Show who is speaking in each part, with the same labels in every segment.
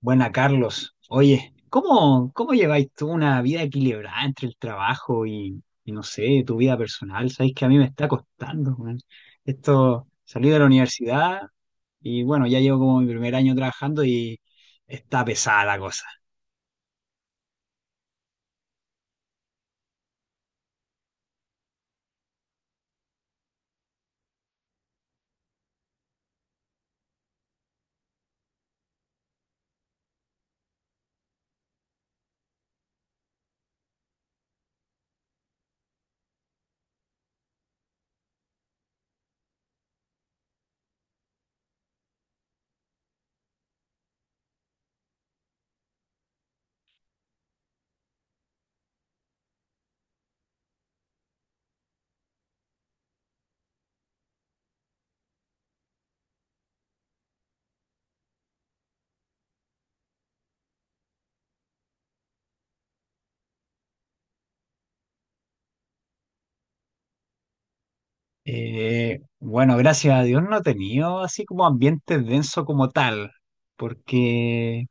Speaker 1: Buena, Carlos. Oye, ¿cómo lleváis tú una vida equilibrada entre el trabajo y no sé, tu vida personal? Sabéis que a mí me está costando, weón. Esto, salí de la universidad y bueno, ya llevo como mi primer año trabajando y está pesada la cosa. Bueno, gracias a Dios no he tenido así como ambiente denso como tal, porque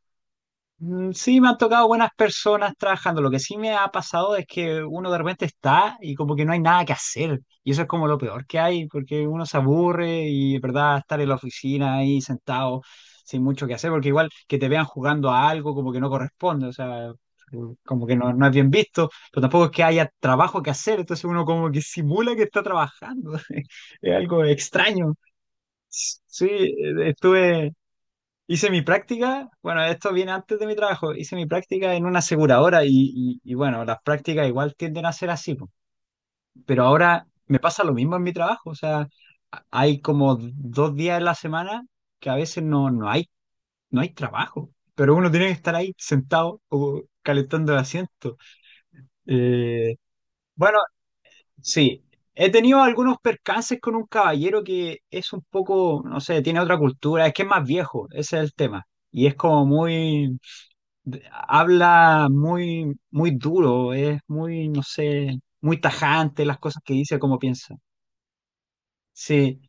Speaker 1: Sí, me han tocado buenas personas trabajando. Lo que sí me ha pasado es que uno de repente está y como que no hay nada que hacer. Y eso es como lo peor que hay, porque uno se aburre y, ¿verdad?, estar en la oficina ahí sentado sin mucho que hacer, porque igual que te vean jugando a algo como que no corresponde, o sea, como que no, no es bien visto, pero tampoco es que haya trabajo que hacer, entonces uno como que simula que está trabajando. Es algo extraño. Sí, estuve... hice mi práctica, bueno, esto viene antes de mi trabajo, hice mi práctica en una aseguradora y, y bueno, las prácticas igual tienden a ser así, po. Pero ahora me pasa lo mismo en mi trabajo, o sea, hay como dos días en la semana que a veces no hay, no hay trabajo, pero uno tiene que estar ahí sentado o calentando el asiento. Eh, bueno, sí, he tenido algunos percances con un caballero que es un poco, no sé, tiene otra cultura, es que es más viejo, ese es el tema. Y es como muy, habla muy duro, es muy, no sé, muy tajante las cosas que dice, como piensa. Sí.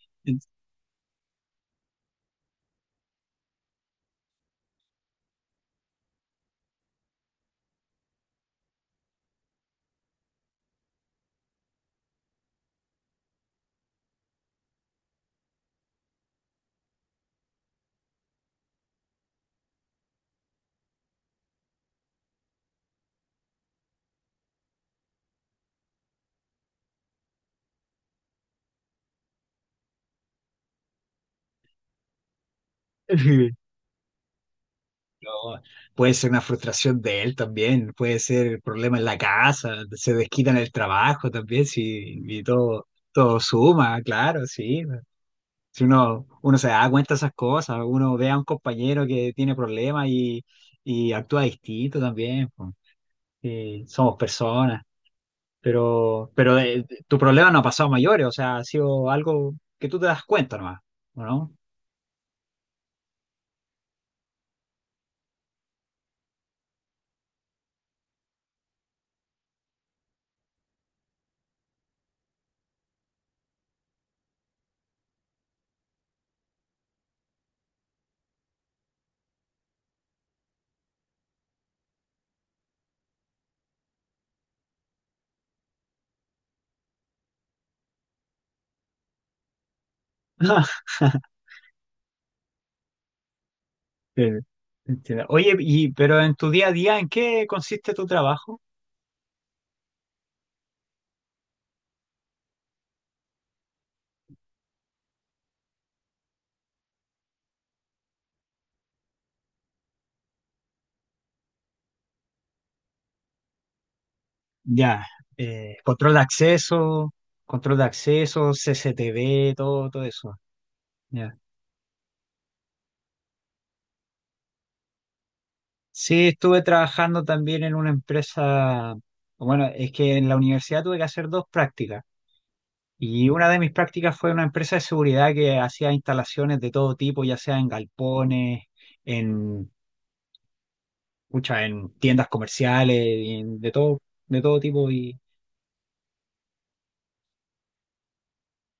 Speaker 1: No, puede ser una frustración de él también, puede ser problema en la casa, se desquita en el trabajo también, sí, y todo, todo suma, claro, sí. Si uno se da cuenta de esas cosas, uno ve a un compañero que tiene problemas y actúa distinto también, po. Sí, somos personas. Pero, pero tu problema no ha pasado a mayores, o sea, ha sido algo que tú te das cuenta nomás, ¿o no? Sí, entiendo. Oye, y, pero en tu día a día, ¿en qué consiste tu trabajo? Ya, eh, control de acceso, control de acceso, CCTV, todo, todo eso. Ya. Sí, estuve trabajando también en una empresa, bueno, es que en la universidad tuve que hacer dos prácticas. Y una de mis prácticas fue una empresa de seguridad que hacía instalaciones de todo tipo, ya sea en galpones, en, pucha, en tiendas comerciales, y de todo tipo. Y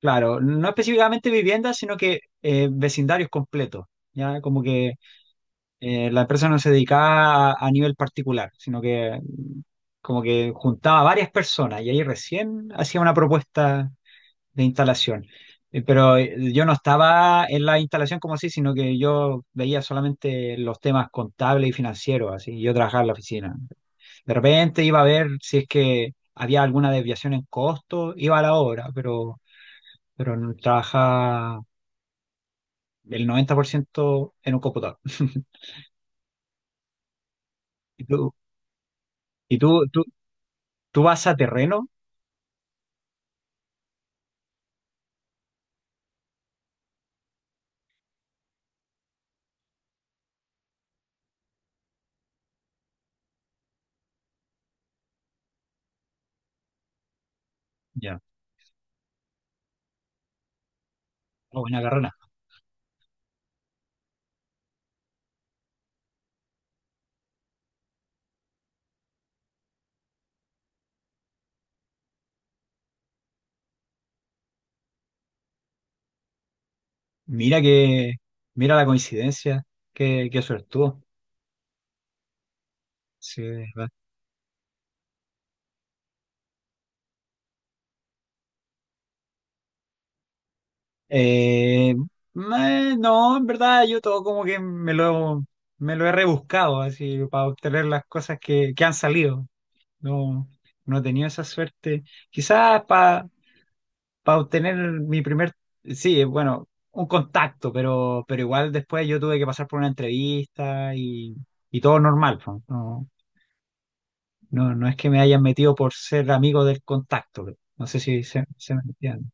Speaker 1: claro, no específicamente viviendas, sino que vecindarios completos. Ya como que la empresa no se dedicaba a nivel particular, sino que como que juntaba a varias personas y ahí recién hacía una propuesta de instalación. Pero yo no estaba en la instalación como así, sino que yo veía solamente los temas contables y financieros, así, yo trabajaba en la oficina. De repente iba a ver si es que había alguna desviación en costo, iba a la obra, pero, trabajaba el 90% en un computador. ¿Y y tú, tú, tú vas a terreno? Ya, oh, buena carrera. Mira que, mira la coincidencia, qué suertudo. Sí, no, en verdad yo todo como que me lo he rebuscado así para obtener las cosas que han salido. No, no he tenido esa suerte. Quizás para obtener mi primer, sí, bueno, un contacto, pero igual después yo tuve que pasar por una entrevista y todo normal. Po. No, no es que me hayan metido por ser amigo del contacto. No sé si se me entiende.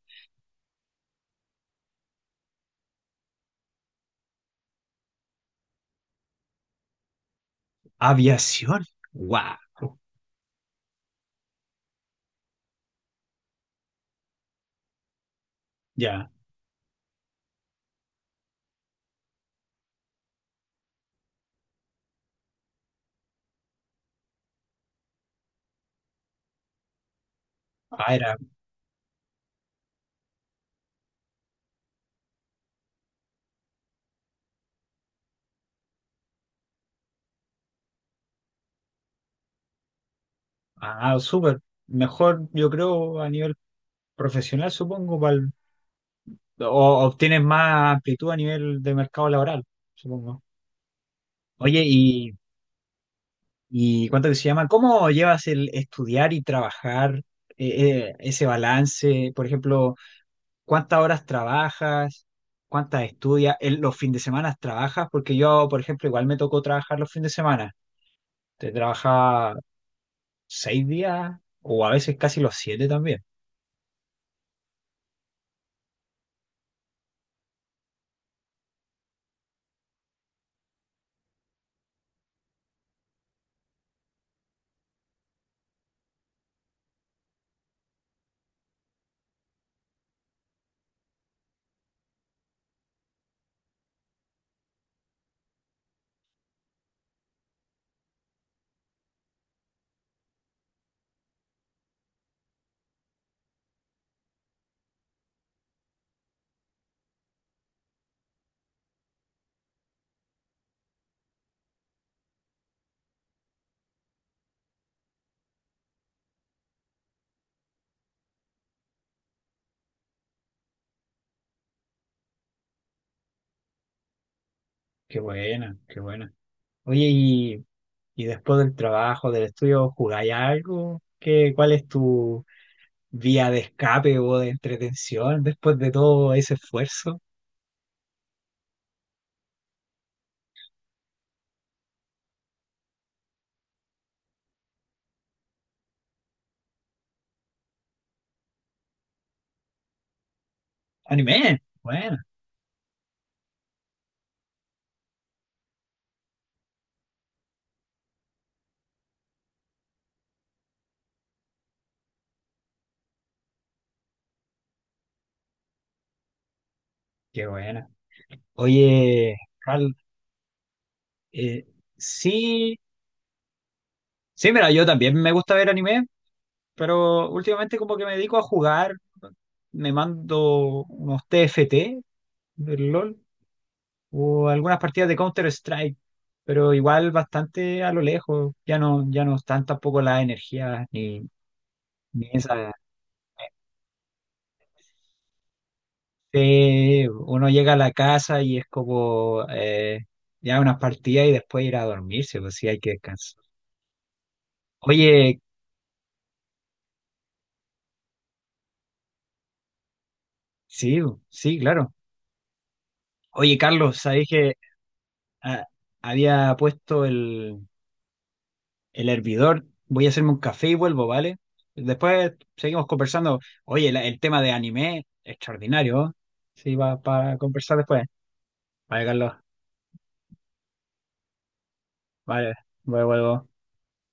Speaker 1: Aviación. Wow. Ya. Ah, era ah, súper. Mejor, yo creo, a nivel profesional, supongo, o obtienes más amplitud a nivel de mercado laboral, supongo. Oye, y cuánto que se llama? ¿Cómo llevas el estudiar y trabajar, ese balance? Por ejemplo, ¿cuántas horas trabajas? ¿Cuántas estudias? ¿Los fines de semana trabajas? Porque yo, por ejemplo, igual me tocó trabajar los fines de semana. Te trabajaba seis días o a veces casi los siete también. Qué buena, qué buena. Oye, y después del trabajo, del estudio, ¿jugáis algo? ¿Qué, cuál es tu vía de escape o de entretención después de todo ese esfuerzo? ¡Anime! Bueno, qué buena. Oye, Carl, eh, sí, sí, mira, yo también me gusta ver anime, pero últimamente como que me dedico a jugar, me mando unos TFT del LOL o algunas partidas de Counter-Strike, pero igual bastante a lo lejos, ya no están tampoco las energías ni, ni esa... uno llega a la casa y es como ya unas partidas y después ir a dormirse, pues sí, hay que descansar. Oye, sí, sí, claro. Oye, Carlos, sabéis que ah, había puesto el hervidor. Voy a hacerme un café y vuelvo, ¿vale? Después seguimos conversando. Oye, el tema de anime, extraordinario. ¿Eh? Sí, va para conversar después. Vale, Carlos. Vale, vuelvo.